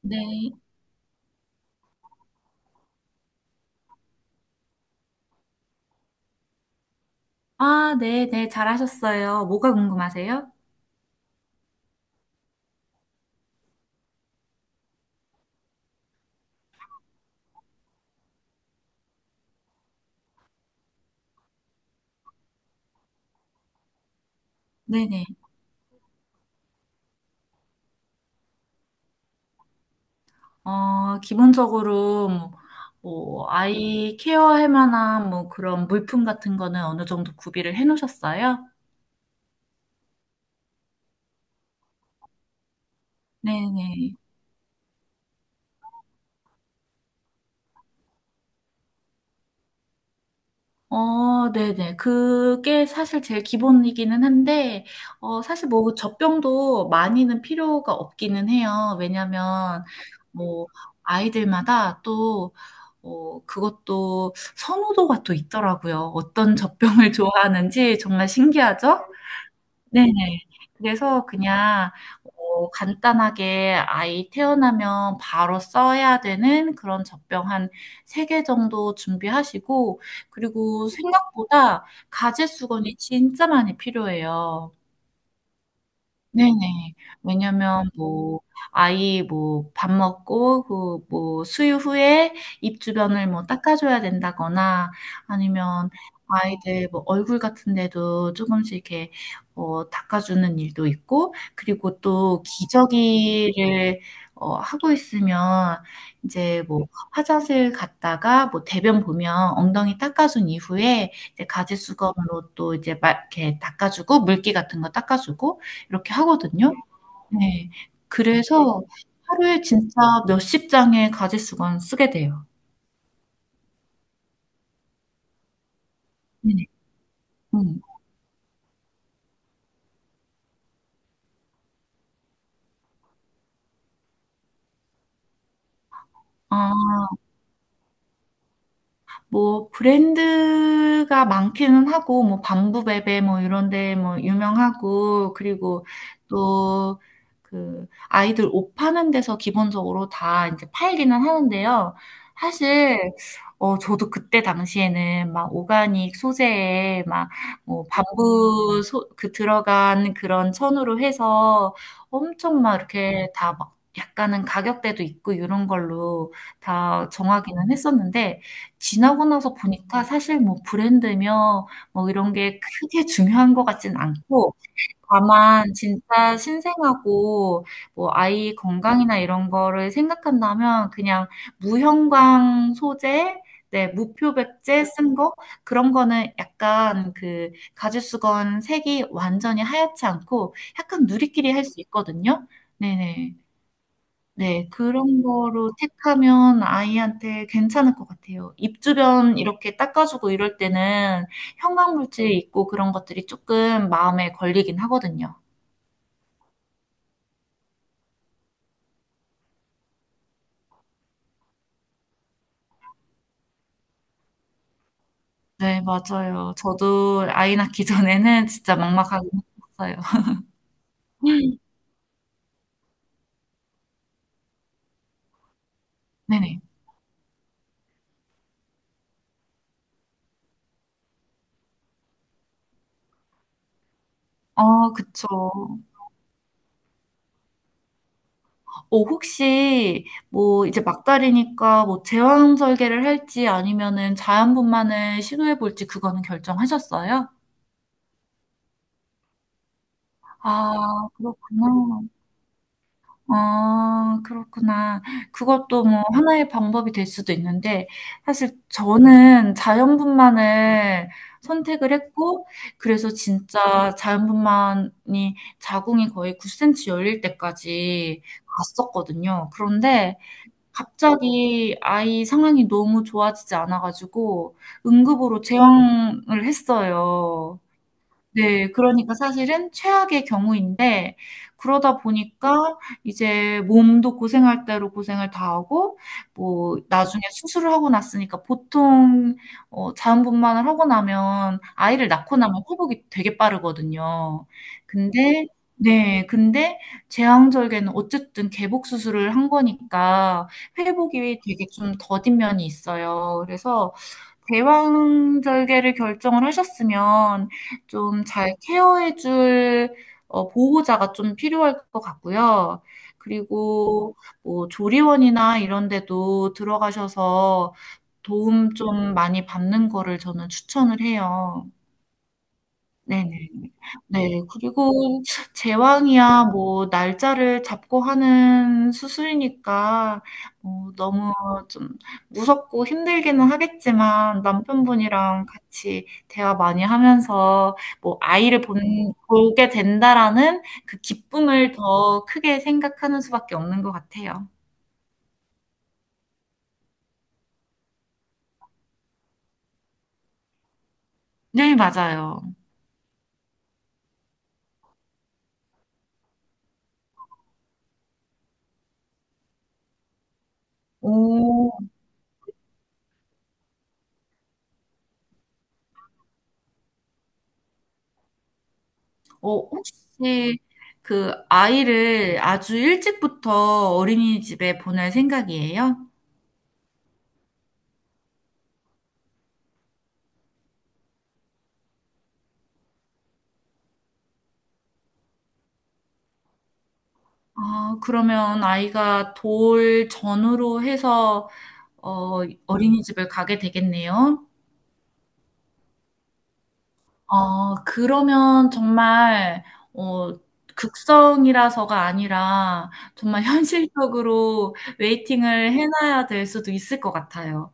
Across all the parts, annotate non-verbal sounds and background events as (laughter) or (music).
네. 아, 네, 네, 잘하셨어요. 뭐가 궁금하세요? 네네. 기본적으로, 뭐, 아이 케어할 만한, 뭐, 그런 물품 같은 거는 어느 정도 구비를 해 놓으셨어요? 네네. 네네. 그게 사실 제일 기본이기는 한데, 사실 뭐 젖병도 많이는 필요가 없기는 해요. 왜냐면, 뭐, 아이들마다 또, 그것도 선호도가 또 있더라고요. 어떤 젖병을 (laughs) 좋아하는지 정말 신기하죠? 네네. 그래서 그냥 간단하게 아이 태어나면 바로 써야 되는 그런 젖병 한 3개 정도 준비하시고, 그리고 생각보다 가제 수건이 진짜 많이 필요해요. 네네. 왜냐면 뭐 아이 뭐 밥 먹고 그 뭐 수유 후에 입 주변을 뭐 닦아줘야 된다거나, 아니면 아이들 뭐 얼굴 같은 데도 조금씩 이렇게 닦아주는 일도 있고, 그리고 또 기저귀를 하고 있으면 이제 뭐 화장실 갔다가 뭐 대변 보면 엉덩이 닦아준 이후에 이제 가지 수건으로 또 이제 막 이렇게 닦아주고 물기 같은 거 닦아주고 이렇게 하거든요. 네. 그래서 하루에 진짜 몇십 장의 가짓수건 쓰게 돼요. 네네. 음. 아. 뭐 브랜드가 많기는 하고, 뭐 밤부베베 뭐 이런 데 뭐 유명하고, 그리고 또 그 아이들 옷 파는 데서 기본적으로 다 인제 팔기는 하는데요. 사실 저도 그때 당시에는 막 오가닉 소재에 막 뭐 밤부 소 그 들어간 그런 천으로 해서, 엄청 막 이렇게 다 막 약간은 가격대도 있고 요런 걸로 다 정하기는 했었는데, 지나고 나서 보니까 사실 뭐 브랜드며 뭐 이런 게 크게 중요한 것 같진 않고, 다만 진짜 신생하고 뭐 아이 건강이나 이런 거를 생각한다면 그냥 무형광 소재, 네, 무표백제 쓴 거, 그런 거는 약간 그 가죽수건 색이 완전히 하얗지 않고 약간 누리끼리 할 수 있거든요. 네네. 네, 그런 거로 택하면 아이한테 괜찮을 것 같아요. 입 주변 이렇게 닦아주고 이럴 때는 형광물질 있고 그런 것들이 조금 마음에 걸리긴 하거든요. 네, 맞아요. 저도 아이 낳기 (laughs) 전에는 진짜 막막하긴 했어요. (laughs) 네네. 아, 그쵸. 혹시 뭐 이제 막달이니까 뭐 제왕 절개를 할지 아니면은 자연분만을 시도해 볼지, 그거는 결정하셨어요? 아, 그렇구나. 아, 그렇구나. 그것도 뭐 하나의 방법이 될 수도 있는데, 사실 저는 자연분만을 선택을 했고, 그래서 진짜 자연분만이 자궁이 거의 9cm 열릴 때까지 갔었거든요. 그런데 갑자기 아이 상황이 너무 좋아지지 않아가지고, 응급으로 제왕을 했어요. 네. 그러니까 사실은 최악의 경우인데, 그러다 보니까 이제 몸도 고생할 대로 고생을 다 하고, 뭐 나중에 수술을 하고 났으니까, 보통 자연분만을 하고 나면 아이를 낳고 나면 회복이 되게 빠르거든요. 근데, 네, 근데 제왕절개는 어쨌든 개복 수술을 한 거니까 회복이 되게 좀 더딘 면이 있어요. 그래서 제왕절개를 결정을 하셨으면 좀 잘 케어해 줄 보호자가 좀 필요할 것 같고요. 그리고 뭐 조리원이나 이런 데도 들어가셔서 도움 좀 많이 받는 거를 저는 추천을 해요. 네네. 네. 그리고 제왕이야 뭐 날짜를 잡고 하는 수술이니까 뭐 너무 좀 무섭고 힘들기는 하겠지만, 남편분이랑 같이 대화 많이 하면서 뭐 '아이를 본 보게 된다.'라는 그 기쁨을 더 크게 생각하는 수밖에 없는 것 같아요. 네, 맞아요. 오. 혹시 그 아이를 아주 일찍부터 어린이집에 보낼 생각이에요? 아, 그러면 아이가 돌 전후로 해서 어, 어린이집을 가게 되겠네요. 그러면 정말 어, 극성이라서가 아니라 정말 (laughs) 현실적으로 웨이팅을 해놔야 될 수도 있을 것 같아요.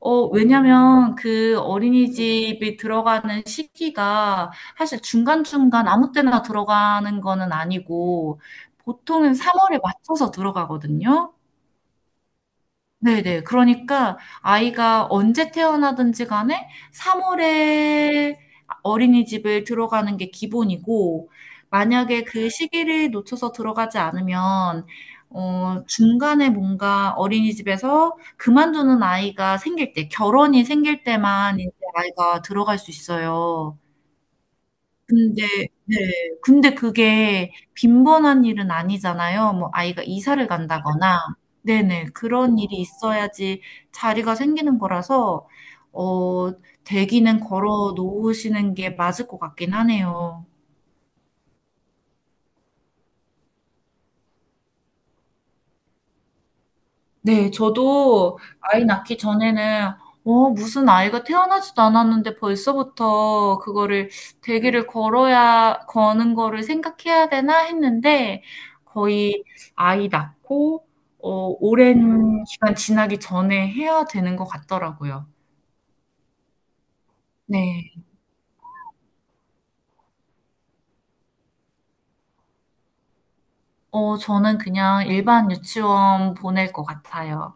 왜냐면 그 어린이집이 들어가는 시기가 사실 중간중간 아무 때나 들어가는 거는 아니고 보통은 3월에 맞춰서 들어가거든요. 네네. 그러니까 아이가 언제 태어나든지 간에 3월에 어린이집을 들어가는 게 기본이고, 만약에 그 시기를 놓쳐서 들어가지 않으면, 중간에 뭔가 어린이집에서 그만두는 아이가 생길 때, 결혼이 생길 때만 이제 아이가 들어갈 수 있어요. 근데, 네, 근데 그게 빈번한 일은 아니잖아요. 뭐 아이가 이사를 간다거나, 네네, 그런 일이 있어야지 자리가 생기는 거라서 어 대기는 걸어 놓으시는 게 맞을 것 같긴 하네요. 네. 저도 아이 낳기 전에는 무슨 아이가 태어나지도 않았는데 벌써부터 그거를 대기를 걸어야 거는 거를 생각해야 되나?' 했는데, 거의 아이 낳고 오랜 기간 지나기 전에 해야 되는 것 같더라고요. 네. 저는 그냥 일반 유치원 보낼 것 같아요.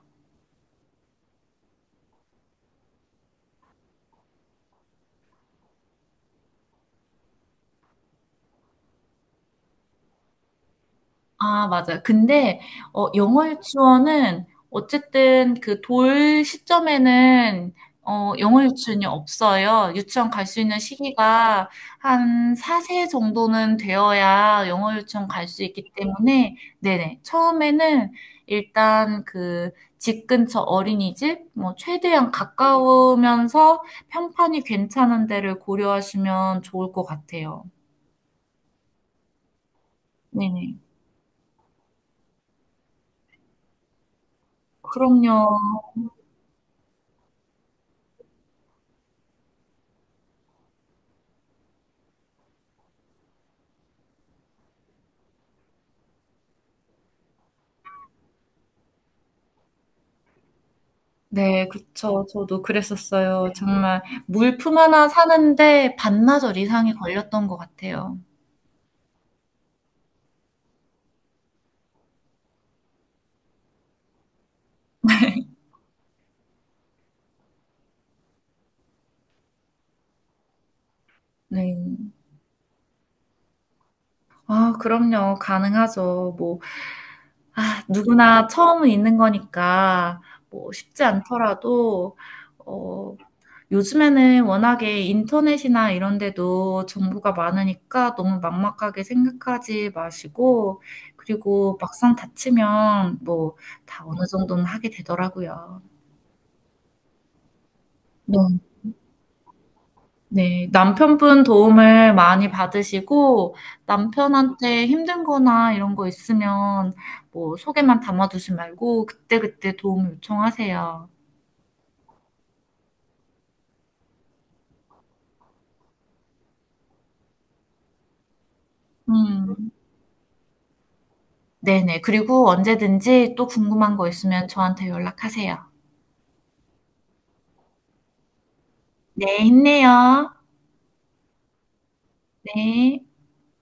아, 맞아요. 근데 영어 유치원은 어쨌든 그 돌 시점에는 영어 유치원이 없어요. 유치원 갈 수 있는 시기가 한 4세 정도는 되어야 영어 유치원 갈 수 있기 때문에, 네네, 처음에는 일단 그 집 근처 어린이집 뭐 최대한 가까우면서 평판이 괜찮은 데를 고려하시면 좋을 것 같아요. 네네. 그럼요. 네, 그쵸. 저도 그랬었어요. 정말 물품 하나 사는데 반나절 이상이 걸렸던 것 같아요. (laughs) 네. 아, 그럼요. 가능하죠. 뭐, 아, 누구나 처음은 있는 거니까 뭐 쉽지 않더라도 어 요즘에는 워낙에 인터넷이나 이런 데도 정보가 많으니까 너무 막막하게 생각하지 마시고, 그리고 막상 다치면 뭐 다 어느 정도는 하게 되더라고요. 네. 네, 남편분 도움을 많이 받으시고, 남편한테 힘든 거나 이런 거 있으면 뭐 속에만 담아두지 말고 그때그때 도움을 요청하세요. 음. 네네. 그리고 언제든지 또 궁금한 거 있으면 저한테 연락하세요. 네, 힘내요. 네.